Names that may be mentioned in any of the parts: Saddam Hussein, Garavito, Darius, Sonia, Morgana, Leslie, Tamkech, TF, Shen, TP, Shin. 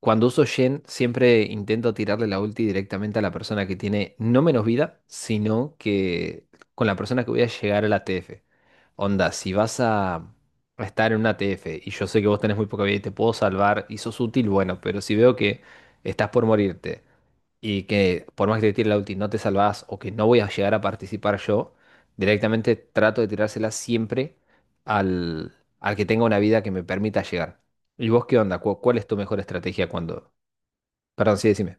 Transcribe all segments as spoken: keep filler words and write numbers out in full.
Cuando uso Shen, siempre intento tirarle la ulti directamente a la persona que tiene no menos vida, sino que con la persona que voy a llegar a la T F. Onda, si vas a a estar en una T F y yo sé que vos tenés muy poca vida y te puedo salvar y sos útil, bueno, pero si veo que estás por morirte y que por más que te tire la ulti no te salvás o que no voy a llegar a participar yo, directamente trato de tirársela siempre al, al que tenga una vida que me permita llegar. ¿Y vos qué onda? ¿Cu- ¿Cuál es tu mejor estrategia cuando... Perdón, sí, decime.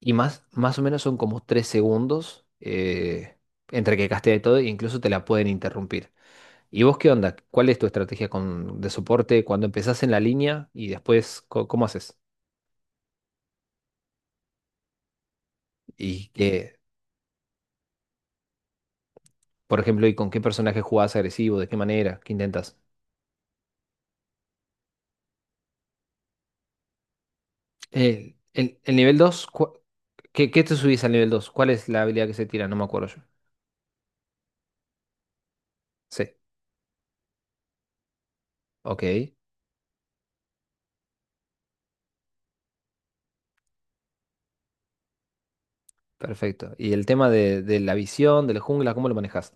Y más, más o menos son como tres segundos, eh, entre que castea y todo, e incluso te la pueden interrumpir. ¿Y vos qué onda? ¿Cuál es tu estrategia con, de soporte cuando empezás en la línea y después co- cómo haces? Y que, por ejemplo, ¿y con qué personaje jugás agresivo? ¿De qué manera? ¿Qué intentas? El, el- el nivel dos, ¿qué, qué te subís al nivel dos? ¿Cuál es la habilidad que se tira? No me acuerdo yo. Sí, ok. Perfecto. ¿Y el tema de, de la visión, de la jungla, cómo lo manejas?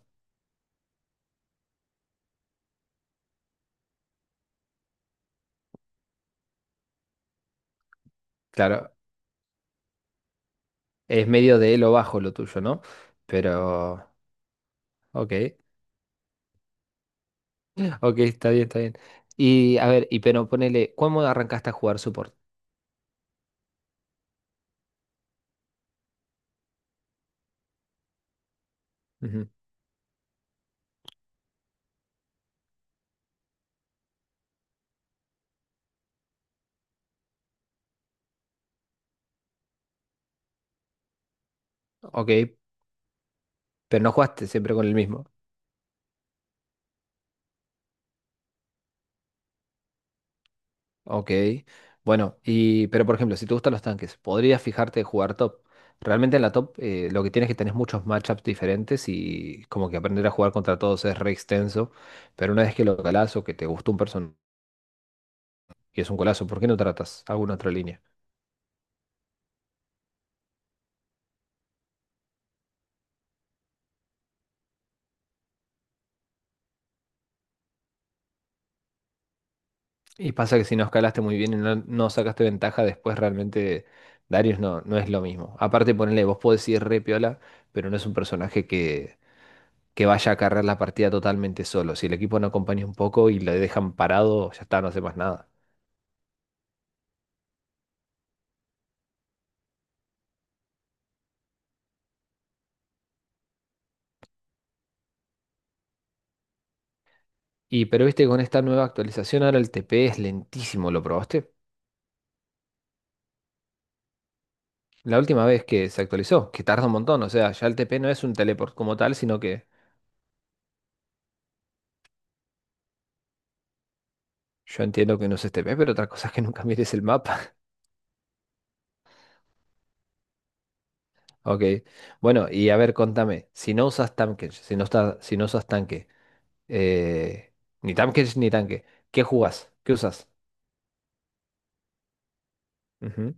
Claro, es medio de lo bajo lo tuyo, ¿no? Pero, ok, ok, está bien, está bien. Y a ver, y pero ponele, ¿cómo arrancaste a jugar support? Ujú, ok, pero no jugaste siempre con el mismo. Ok, bueno, y pero por ejemplo, si te gustan los tanques, podrías fijarte en jugar top. Realmente en la top, eh, lo que tienes es que tenés muchos matchups diferentes y como que aprender a jugar contra todos es re extenso, pero una vez que lo calás o que te gustó un personaje... Y es un golazo. ¿Por qué no tratas alguna otra línea? Y pasa que si no escalaste muy bien y no, no sacaste ventaja, después realmente Darius no, no es lo mismo. Aparte, ponele, vos podés ir re piola, pero no es un personaje que, que vaya a cargar la partida totalmente solo. Si el equipo no acompaña un poco y le dejan parado, ya está, no hace más nada. Y pero viste, con esta nueva actualización ahora el T P es lentísimo, ¿lo probaste? La última vez que se actualizó, que tarda un montón, o sea, ya el T P no es un teleport como tal, sino que yo entiendo que no es T P, pero otra cosa es que nunca mires el mapa. Ok. Bueno, y a ver, contame, si no usas Tamkech, si no estás, si no usas tanque, eh, ni Tamkech ni tanque, ¿qué jugás? ¿Qué usas? Ujú.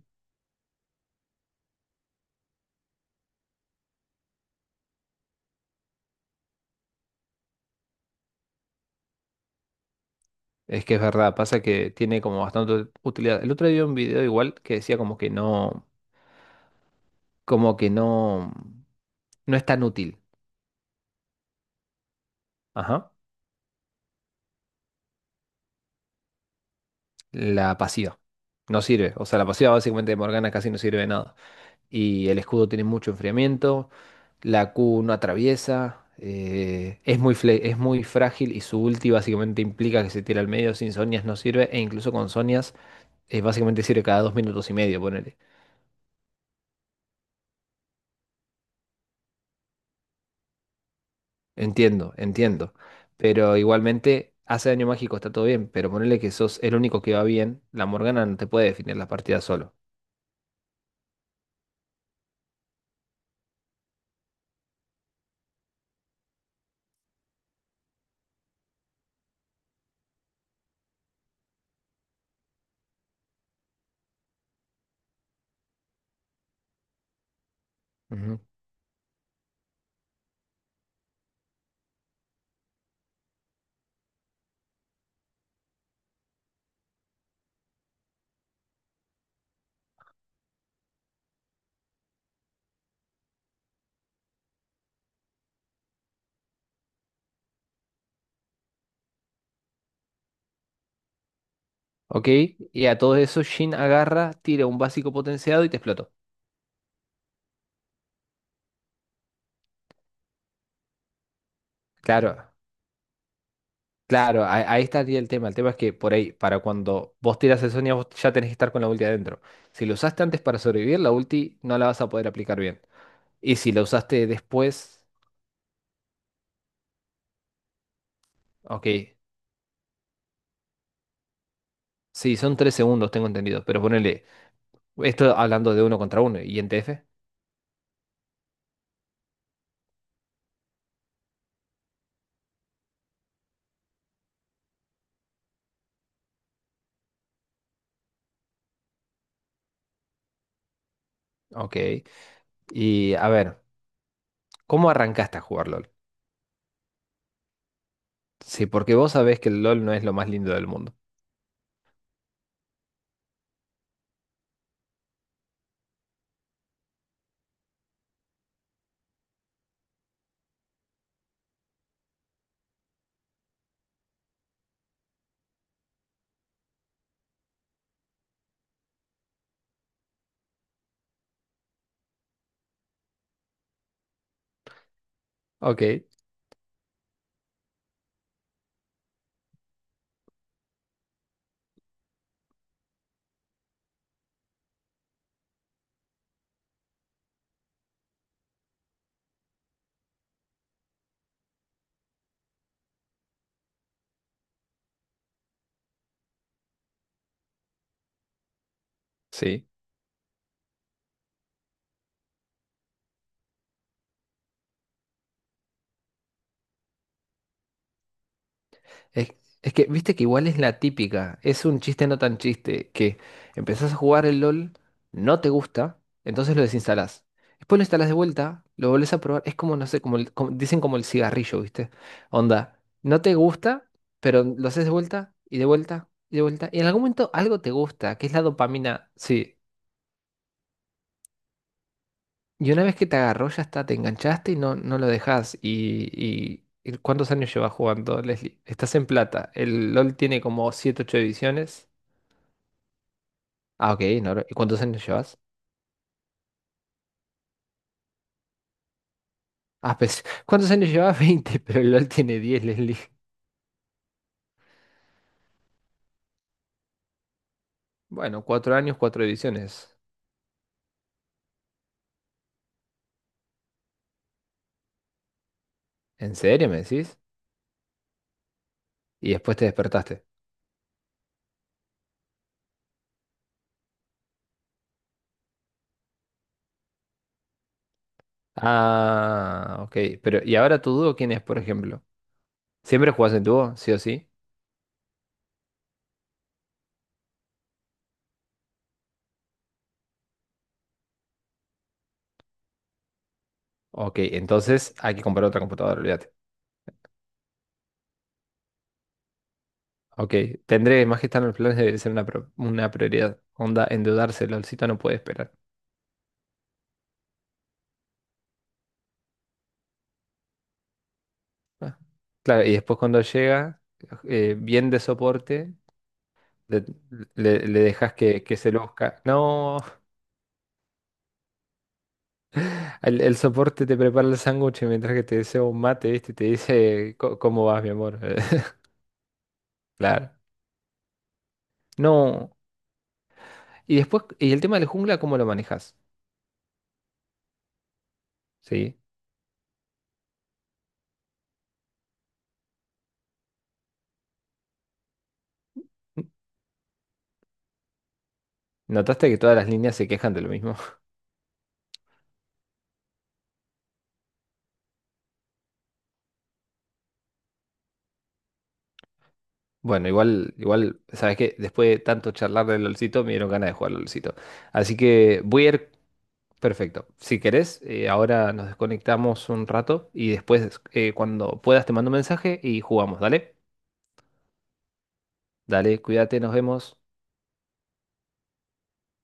Es que es verdad, pasa que tiene como bastante utilidad. El otro día vi un video igual que decía como que no, como que no, no es tan útil. Ajá. La pasiva. No sirve. O sea, la pasiva básicamente de Morgana casi no sirve de nada. Y el escudo tiene mucho enfriamiento, la Q no atraviesa, eh, es muy fle- es muy frágil y su ulti básicamente implica que se tira al medio, sin Sonias no sirve, e incluso con Sonias, eh, básicamente sirve cada dos minutos y medio, ponele. Entiendo, entiendo. Pero igualmente hace daño mágico, está todo bien, pero ponele que sos el único que va bien, la Morgana no te puede definir la partida solo. Ujú. Ok, y a todo eso Shin agarra, tira un básico potenciado y te explotó. Claro, claro, ahí, ahí estaría el tema. El tema es que por ahí, para cuando vos tiras el Sonia, vos ya tenés que estar con la ulti adentro. Si lo usaste antes para sobrevivir, la ulti no la vas a poder aplicar bien. Y si la usaste después, ok. Sí, son tres segundos, tengo entendido. Pero ponele, esto hablando de uno contra uno. ¿Y en T F? Ok. Y a ver, ¿cómo arrancaste a jugar LOL? Sí, porque vos sabés que el LOL no es lo más lindo del mundo. Ok, sí. Es, es que, viste que igual es la típica, es un chiste no tan chiste, que empezás a jugar el LOL, no te gusta, entonces lo desinstalás. Después lo instalás de vuelta, lo volvés a probar, es como, no sé, como, el- como- dicen como el cigarrillo, ¿viste? Onda, no te gusta, pero lo haces de vuelta y de vuelta y de vuelta, y en algún momento algo te gusta, que es la dopamina, sí, y una vez que te agarró, ya está, te enganchaste y no, no lo dejás. Y, y- y ¿cuántos años llevas jugando, Leslie? Estás en plata. El LOL tiene como siete ocho ediciones. Ah, ok, no, lo- ¿y cuántos años llevas? Ah, pues, ¿cuántos años llevas? Veinte, pero el LOL tiene diez, Leslie. Bueno, cuatro años, cuatro ediciones. ¿En serio, me decís? Y después te despertaste. Ah, ok. Pero, ¿y ahora tu dúo quién es, por ejemplo? ¿Siempre jugás en dúo, sí o sí? Ok, entonces hay que comprar otra computadora, olvídate. Ok, tendré más que estar en los planes, debe ser una, pro- una prioridad. Onda, endeudarse, LOLcito no puede esperar. Ah. Claro, y después cuando llega, eh, bien de soporte, le, le- le dejas que, que se luzca. No, el, el soporte te prepara el sándwich mientras que te desea un mate, ¿viste? Y te dice, "Co- cómo vas, mi amor?" Claro. No. Y después, ¿y el tema del jungla, cómo lo manejas? ¿Sí? ¿Notaste que todas las líneas se quejan de lo mismo? Bueno, igual, igual, sabes que después de tanto charlar del LOLcito, me dieron ganas de jugar al LOLcito. Así que voy a ir perfecto. Si querés, eh, ahora nos desconectamos un rato y después, eh, cuando puedas, te mando un mensaje y jugamos. Dale, dale, cuídate, nos vemos.